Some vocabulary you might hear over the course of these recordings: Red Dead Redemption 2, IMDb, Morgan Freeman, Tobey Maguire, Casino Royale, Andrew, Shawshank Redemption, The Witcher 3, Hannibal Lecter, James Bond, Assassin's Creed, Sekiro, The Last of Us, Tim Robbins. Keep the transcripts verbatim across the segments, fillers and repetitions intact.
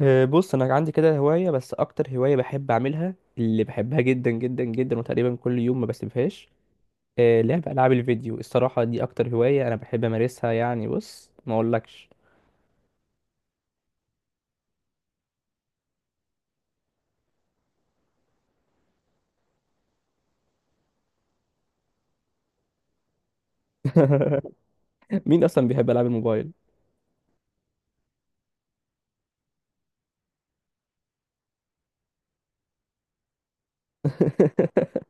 آه، بص انا عندي كده هوايه، بس اكتر هوايه بحب اعملها اللي بحبها جدا جدا جدا، وتقريبا كل يوم ما بسيبهاش. آه، لعب العاب الفيديو، الصراحه دي اكتر هوايه انا بحب امارسها، يعني بص ما اقولكش. مين اصلا بيحب العاب الموبايل؟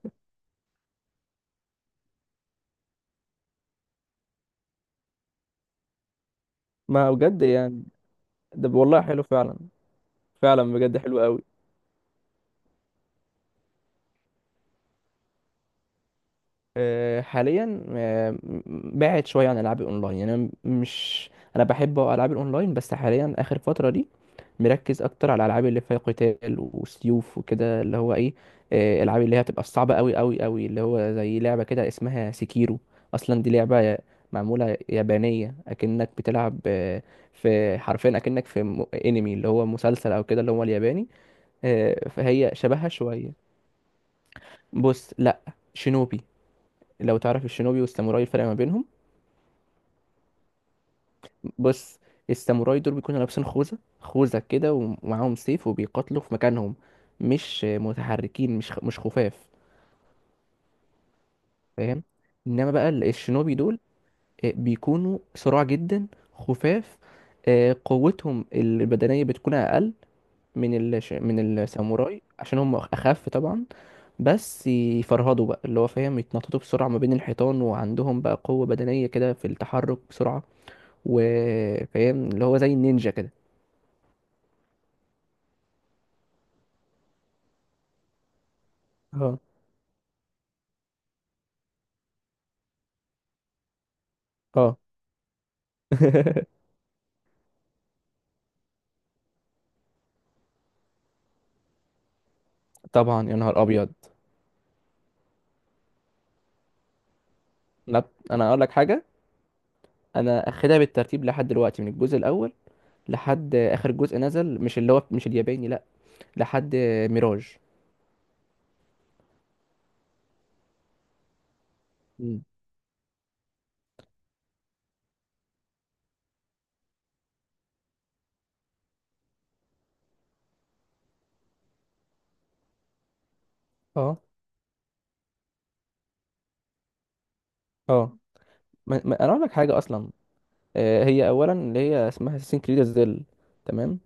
ما بجد يعني، ده والله حلو فعلا. فعلا بجد حلو. آه، حاليا، آه، بعد شويه عن العاب الاونلاين، يعني انا مش، انا بحب العاب الاونلاين، بس حاليا اخر فتره دي مركز اكتر على الالعاب اللي فيها قتال وسيوف وكده، اللي هو ايه، آه، الالعاب اللي هي بتبقى صعبه قوي قوي قوي، اللي هو زي لعبه كده اسمها سيكيرو. اصلا دي لعبه معموله يابانيه، اكنك بتلعب آه، في، حرفيا اكنك في م- انمي، اللي هو مسلسل او كده، اللي هو الياباني. آه، فهي شبهها شويه. بص لا، شينوبي. لو تعرف الشينوبي والساموراي الفرق ما بينهم. بص الساموراي دول بيكونوا لابسين خوذة خوذة كده، ومعاهم سيف وبيقاتلوا في مكانهم، مش متحركين، مش مش خفاف، فاهم. انما بقى ال- الشينوبي دول آه، بيكونوا صراع جدا، خفاف. آه، قوتهم البدنية بتكون أقل من الش... من الساموراي عشان هم أخف طبعا، بس يفرهدوا بقى اللي هو فاهم، يتنططوا بسرعة ما بين الحيطان، وعندهم بقى قوة بدنية كده في التحرك بسرعة، وفاهم اللي هو زي النينجا كده. اه، اه. طبعا يا نهار ابيض. لا انا اقول لك حاجه، انا اخدها بالترتيب لحد دلوقتي، من الجزء الاول لحد اخر جزء نزل، مش اللي هو مش الياباني لا، لحد ميراج. مم. اه، اه. ما- ما- انا اقول لك حاجه اصلا، آه، هي اولا اللي هي اسمها اساسين كريد زل، تمام.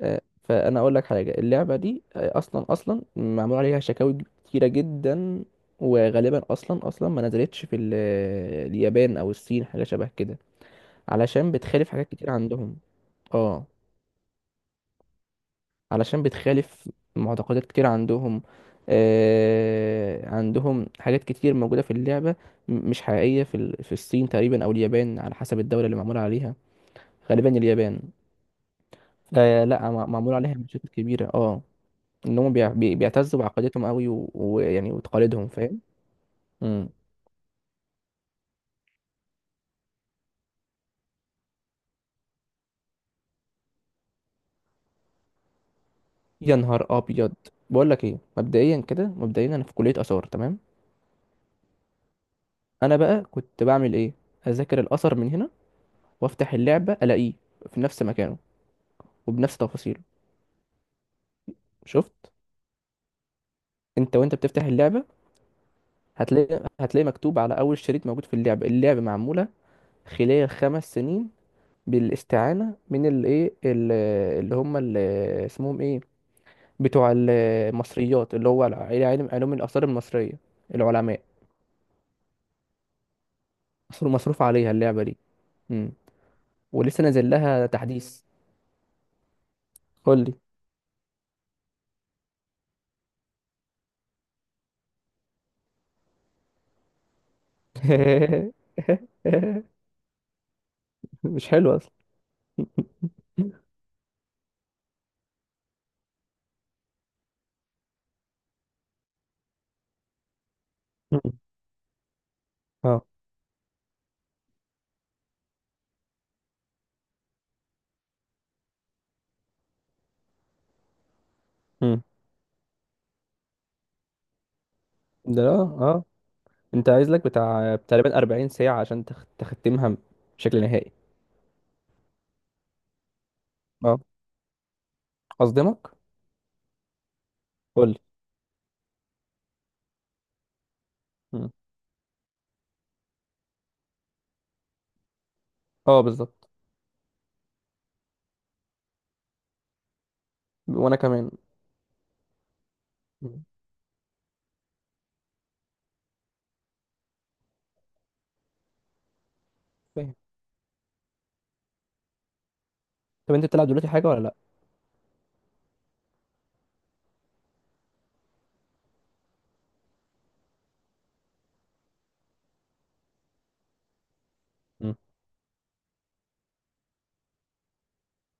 آه، فانا اقول لك حاجه، اللعبه دي آه، اصلا اصلا معمول عليها شكاوي كتيره جدا، وغالبا اصلا اصلا ما نزلتش في ال- آه، اليابان او الصين، حاجه شبه كده، علشان بتخالف حاجات كتير عندهم. اه، علشان بتخالف معتقدات كتير عندهم. آه عندهم حاجات كتير موجوده في اللعبه م- مش حقيقيه في ال- في الصين تقريبا او اليابان، على حسب الدوله اللي معمول عليها، غالبا اليابان. آه لا، مع- معمول عليها مشاكل كبيره. اه، ان هم بيع- بي- بيعتزوا بعقيدتهم قوي و- ويعني وتقاليدهم، فاهم. امم يا نهار ابيض. بقول لك ايه، مبدئيا كده، مبدئيا انا في كليه اثار، تمام. انا بقى كنت بعمل ايه، اذاكر الاثر من هنا، وافتح اللعبه الاقيه في نفس مكانه وبنفس تفاصيله. شفت؟ انت وانت بتفتح اللعبه هتلاقي هتلاقي مكتوب على اول شريط موجود في اللعبه، اللعبه معموله خلال خمس سنين بالاستعانه من الايه، اللي هم ال- اسمهم ايه، بتوع المصريات، اللي هو الع- علم علوم الآثار المصرية، العلماء. مصر مصروف عليها اللعبة دي. مم. ولسه نازل لها تحديث. قول لي. مش حلو أصلا. مم. اه. مم. ده لا، اه. انت عايز لك بتاع تقريبا 40 ساعة عشان تخ... تختمها بشكل نهائي. اه، أصدمك، قول لي. مم. اه بالظبط، وأنا كمان. مم. فاهم. طب أنت بتلعب دلوقتي حاجة ولا لأ؟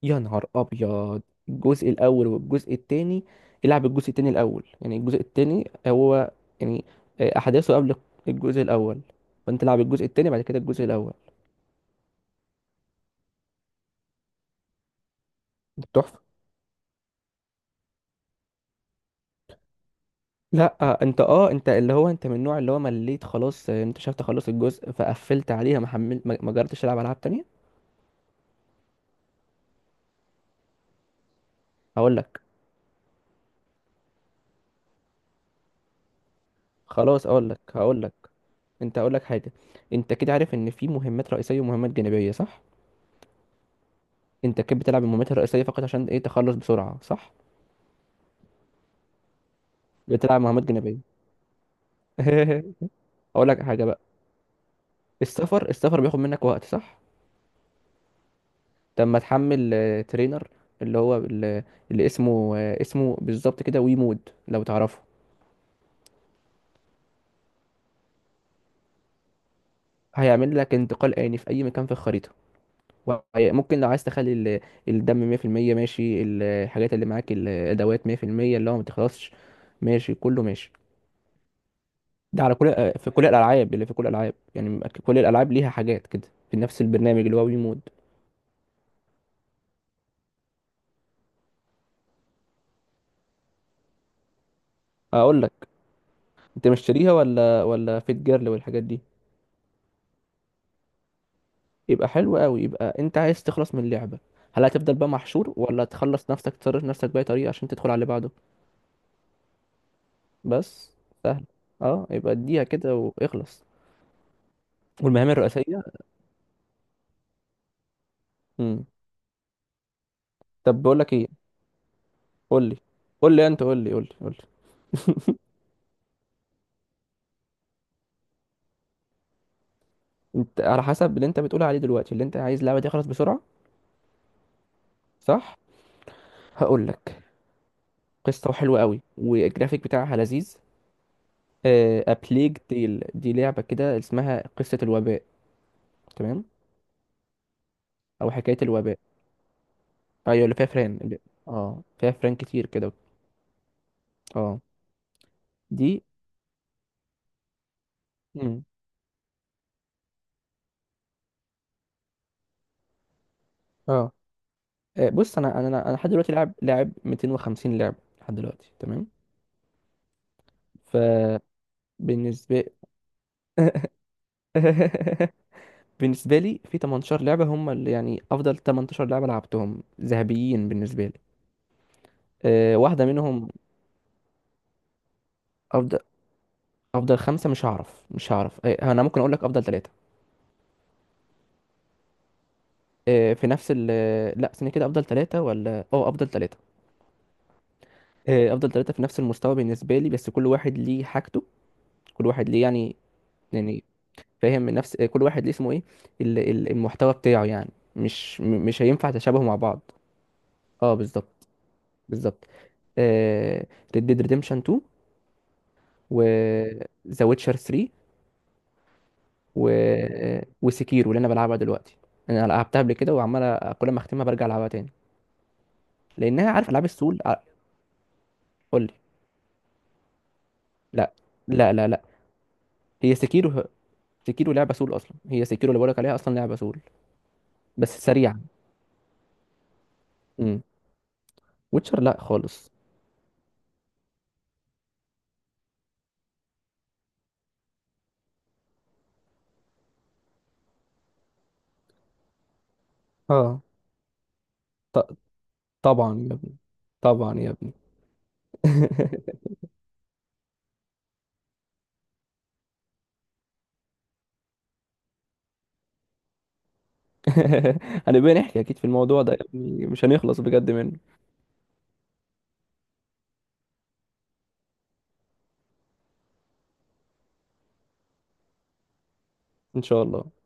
يا نهار ابيض. الجزء الاول والجزء التاني، العب الجزء التاني الاول، يعني الجزء التاني هو يعني آه، احداثه قبل الجزء الاول، فانت العب الجزء التاني بعد كده الجزء الاول. تحفه. لا، آه، انت اه انت اللي هو انت من النوع اللي هو مليت خلاص، آه، انت شفت خلاص الجزء فقفلت عليها، ما حملت، ما ما جربتش تلعب العاب تانية. هقول لك، خلاص اقول لك، هقول لك انت، هقول لك حاجه. انت كده عارف ان في مهمات رئيسيه ومهمات جانبيه، صح؟ انت كده بتلعب المهمات الرئيسيه فقط عشان ايه، تخلص بسرعه، صح؟ بتلعب مهمات جانبية. اقول لك حاجه بقى، السفر السفر بياخد منك وقت، صح؟ طب ما تحمل آه، ترينر، اللي هو بال- اللي اسمه آه، اسمه بالظبط كده، ويمود، لو تعرفه. هيعمل لك انتقال آني في اي مكان في الخريطه، وهي- ممكن لو عايز تخلي ال- الدم مية في المية، ماشي، الحاجات اللي معاك الادوات مية في المية، اللي هو ما تخلصش، ماشي كله ماشي. ده على كل آه، في كل الالعاب، اللي في كل الالعاب يعني، كل الالعاب ليها حاجات كده في نفس البرنامج، اللي هو ويمود. اقول لك، انت مشتريها ولا ولا فيت جيرل والحاجات دي؟ يبقى حلو قوي، يبقى انت عايز تخلص من اللعبة، هل هتفضل بقى محشور، ولا تخلص نفسك، تصرف نفسك بأي طريقة عشان تدخل على اللي بعده. بس سهل، اه، يبقى اديها كده واخلص، والمهام الرئيسية. امم طب بقول لك ايه، قول لي قول لي انت قول لي قول لي قول لي. انت على حسب اللي انت بتقول عليه دلوقتي، اللي انت عايز اللعبة دي تخلص بسرعة، صح. هقول لك، قصة حلوة قوي والجرافيك بتاعها لذيذ. أبليج تيل، دي لعبة كده اسمها قصة الوباء، تمام، أو حكاية الوباء. ايوه اللي فيها فران اللي... اه، فيها فران كتير كده. اه. دي. مم. اه. آه، بص انا انا انا أنا لحد دلوقتي لاعب لاعب مئتين وخمسين لعبه لحد دلوقتي، تمام. فبالنسبه بالنسبه لي في تمنتاشر لعبه هم اللي يعني افضل تمنتاشر لعبه لعبتهم، ذهبيين بالنسبه لي. آه، واحده منهم. افضل افضل خمسه مش هعرف مش هعرف، آه، انا ممكن اقول لك افضل ثلاثه. في نفس ال لا استنى كده، افضل ثلاثه ولا، اه، افضل ثلاثه. آه، افضل ثلاثه في نفس المستوى بالنسبه لي، بس كل واحد ليه حاجته، كل واحد ليه يعني يعني فاهم، من نفس آه، كل واحد ليه اسمه ايه، ال- ال- المحتوى بتاعه يعني، مش م- مش هينفع تشابهوا مع بعض. اه بالظبط بالظبط. ريد ديد ريديمشن اتنين، و ذا ويتشر ثلاثة، و وسكيرو اللي انا بلعبها دلوقتي، انا لعبتها قبل كده وعمال أ- كل ما اختمها برجع العبها تاني، لانها عارف العاب السول ع- قول لي. لا، لا، لا، لا. هي سكيرو، سكيرو لعبه سول اصلا، هي سكيرو اللي بقولك عليها اصلا لعبه سول بس سريعة. امم. ويتشر لا خالص. اه، ط- طبعا يا ابني، طبعا يا ابني. هنبقى نحكي اكيد في الموضوع ده يا ابني، مش هنخلص بجد منه. ان شاء الله.